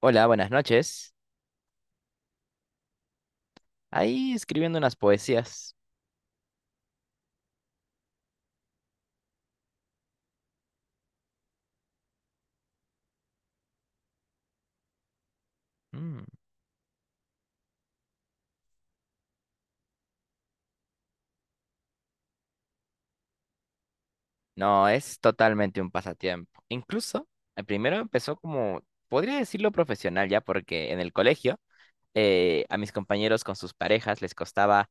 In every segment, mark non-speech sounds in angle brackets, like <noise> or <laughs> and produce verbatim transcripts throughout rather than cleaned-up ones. Hola, buenas noches. Ahí escribiendo unas poesías. Mm, No, es totalmente un pasatiempo. Incluso, eh, primero empezó como, podría decirlo profesional ya, porque en el colegio eh, a mis compañeros con sus parejas les costaba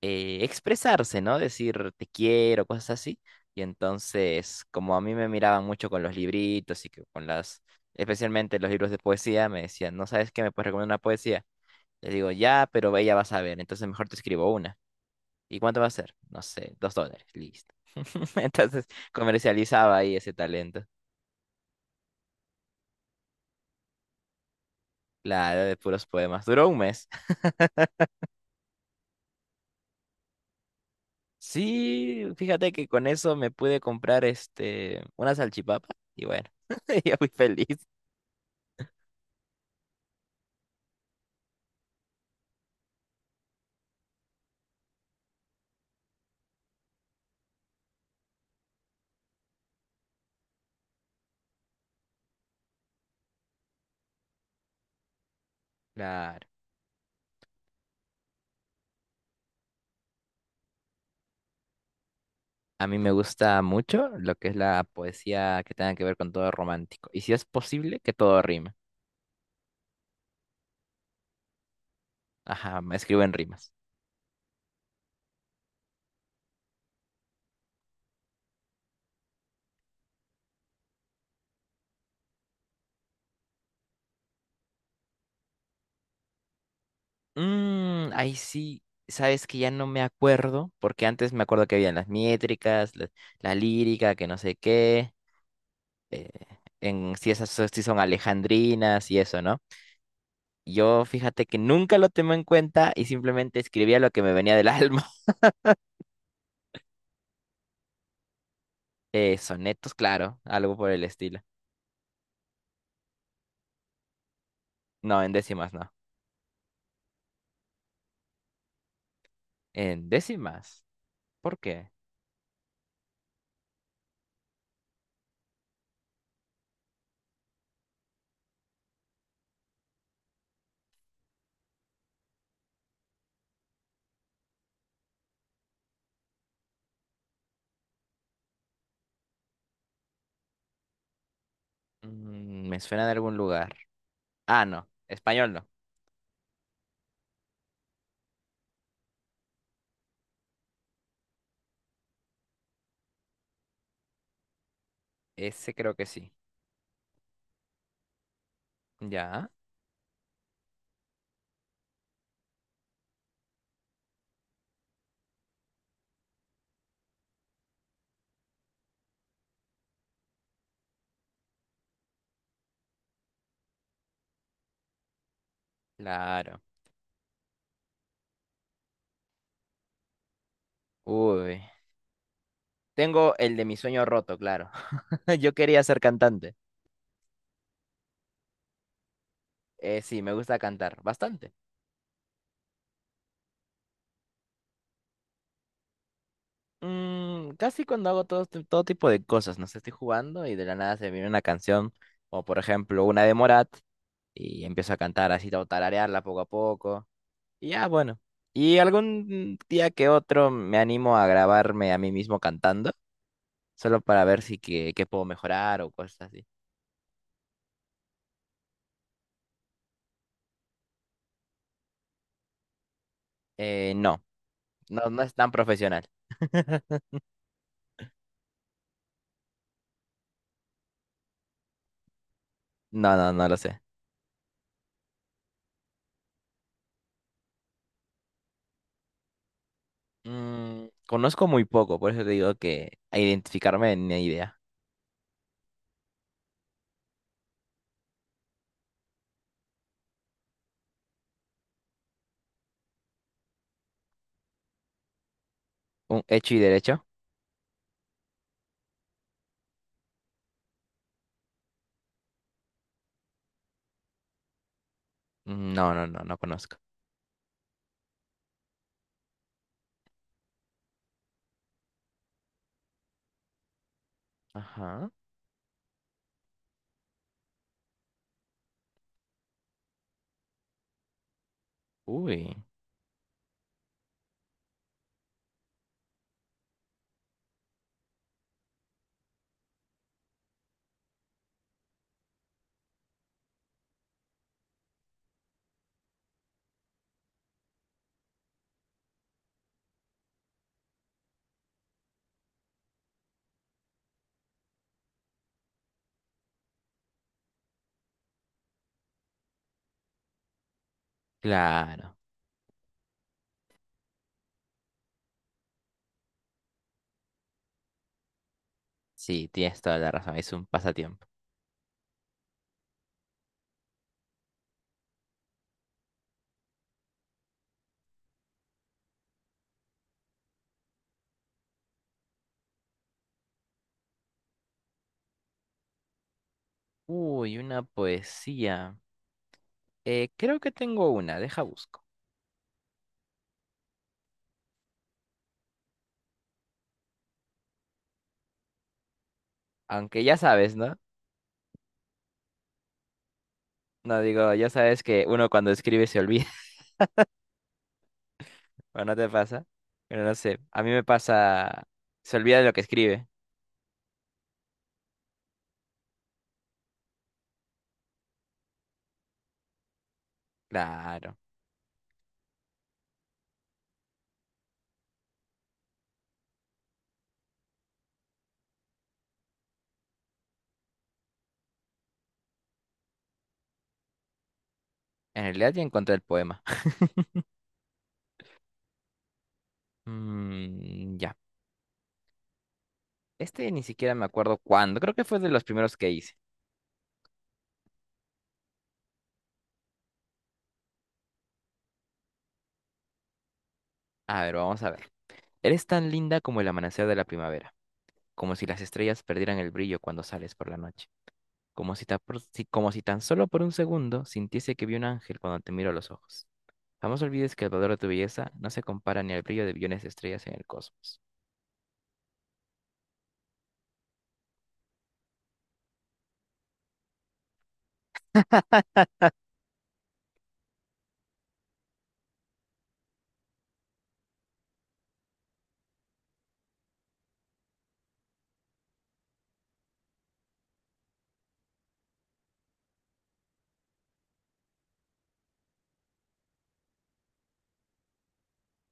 eh, expresarse, ¿no? Decir te quiero, cosas así. Y entonces, como a mí me miraban mucho con los libritos y que con las, especialmente los libros de poesía, me decían, ¿no sabes qué me puedes recomendar una poesía? Les digo, ya, pero ella va a saber, entonces mejor te escribo una. ¿Y cuánto va a ser? No sé, dos dólares, listo. <laughs> Entonces comercializaba ahí ese talento. Claro, de puros poemas. Duró un mes. <laughs> Sí, fíjate que con eso me pude comprar este una salchipapa y bueno, <laughs> yo fui feliz. Claro. A mí me gusta mucho lo que es la poesía que tenga que ver con todo romántico. Y si es posible, que todo rime. Ajá, me escribo en rimas. Mm, ahí sí, sabes que ya no me acuerdo, porque antes me acuerdo que habían las métricas, la, la lírica, que no sé qué, eh, en si esas so- si son alejandrinas y eso, ¿no? Yo fíjate que nunca lo tomé en cuenta y simplemente escribía lo que me venía del alma. <laughs> Eh, sonetos, claro, algo por el estilo. No, en décimas no. En décimas. ¿Por qué? Mm, me suena de algún lugar. Ah, no, español no. Ese creo que sí. Ya, claro. Uy. Tengo el de mi sueño roto, claro. <laughs> Yo quería ser cantante. Eh, sí, me gusta cantar bastante. Mm, casi cuando hago todo, ti- todo tipo de cosas, no sé, estoy jugando y de la nada se me viene una canción, o por ejemplo una de Morat, y empiezo a cantar así, o tararearla poco a poco. Y ya, bueno. Y algún día que otro me animo a grabarme a mí mismo cantando, solo para ver si que, qué puedo mejorar o cosas así. Eh, no, no, no es tan profesional. <laughs> No, no, no lo sé. Mm, conozco muy poco, por eso te digo que a identificarme ni idea. ¿Un hecho y derecho? Mm, No, no, no, no conozco. Ajá. Uy, claro. Sí, tienes toda la razón, es un pasatiempo. Uy, una poesía. Eh, creo que tengo una, deja busco. Aunque ya sabes, ¿no? No digo, ya sabes que uno cuando escribe se olvida, <laughs> ¿o no te pasa? Pero no sé, a mí me pasa, se olvida de lo que escribe. Claro. En realidad ya encontré el poema. <laughs> Mm, ya. Este ni siquiera me acuerdo cuándo, creo que fue de los primeros que hice. A ver, vamos a ver. Eres tan linda como el amanecer de la primavera, como si las estrellas perdieran el brillo cuando sales por la noche, como si, ta- por- si- como si tan solo por un segundo sintiese que vi un ángel cuando te miro a los ojos. Jamás olvides que el valor de tu belleza no se compara ni al brillo de billones de estrellas en el cosmos.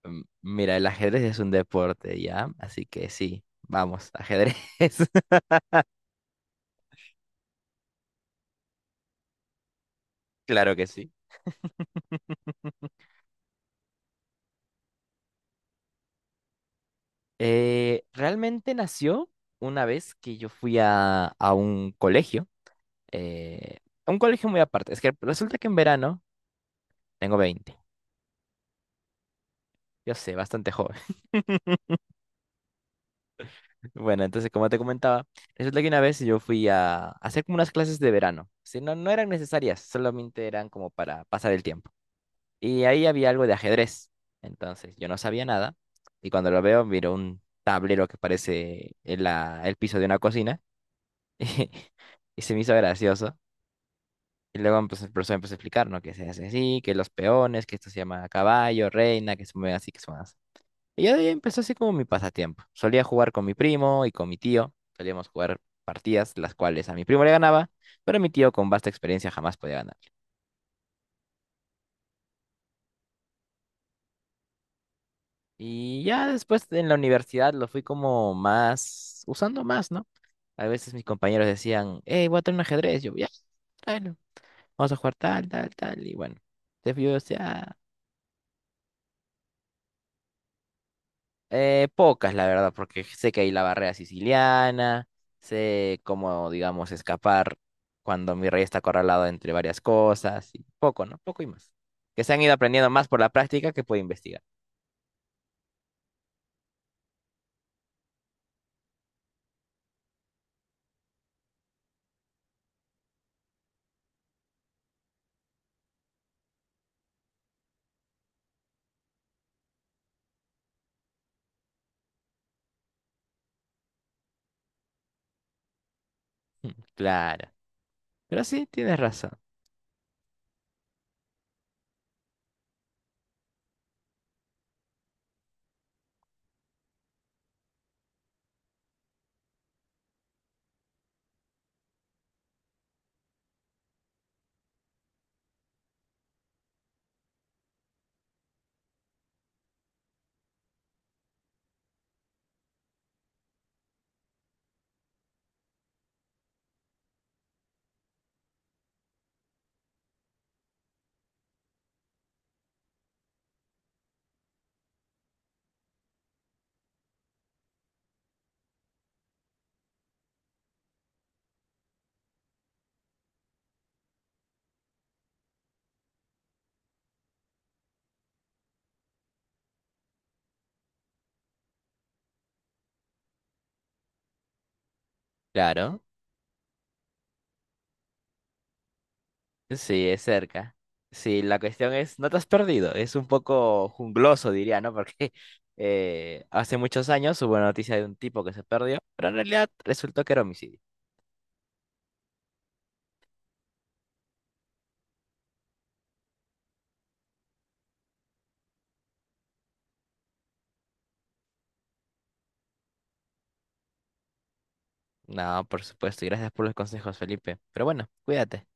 Mm, Mira, el ajedrez es un deporte, ¿ya? Así que sí, vamos, ajedrez. <laughs> Claro que sí. Eh, realmente nació una vez que yo fui a, a un colegio, eh, a un colegio muy aparte. Es que resulta que en verano tengo veinte. Yo sé, bastante joven. <laughs> Bueno, entonces como te comentaba, resulta que una vez yo fui a, hacer como unas clases de verano. Sí, no, no eran necesarias, solamente eran como para pasar el tiempo. Y ahí había algo de ajedrez, entonces yo no sabía nada y cuando lo veo miro un tablero que parece el, la- el piso de una cocina <laughs> y se me hizo gracioso. Y luego pues, el profesor empezó a explicar, ¿no? Que se hace así, que los peones, que esto se llama caballo, reina, que se mueve así, que se mueve así. Y ya de ahí empezó así como mi pasatiempo. Solía jugar con mi primo y con mi tío. Solíamos jugar partidas, las cuales a mi primo le ganaba, pero mi tío con vasta experiencia jamás podía ganar. Y ya después en la universidad lo fui como más, usando más, ¿no? A veces mis compañeros decían, hey, voy a traer un ajedrez. Yo, ya, tráelo. Vamos a jugar tal, tal, tal. Y bueno, entonces yo decía, "Ah, Eh, pocas, la verdad, porque sé que hay la barrera siciliana, sé cómo, digamos, escapar cuando mi rey está acorralado entre varias cosas, y poco, ¿no? Poco y más. Que se han ido aprendiendo más por la práctica que puede investigar. Mm, claro. Pero sí, tienes razón. Claro. Sí, es cerca. Sí, la cuestión es, no te has perdido. Es un poco jungloso, diría, ¿no? Porque <laughs> eh, hace muchos años hubo una noticia de un tipo que se perdió, pero en realidad resultó que era homicidio. No, por supuesto. Y gracias por los consejos, Felipe. Pero bueno, cuídate.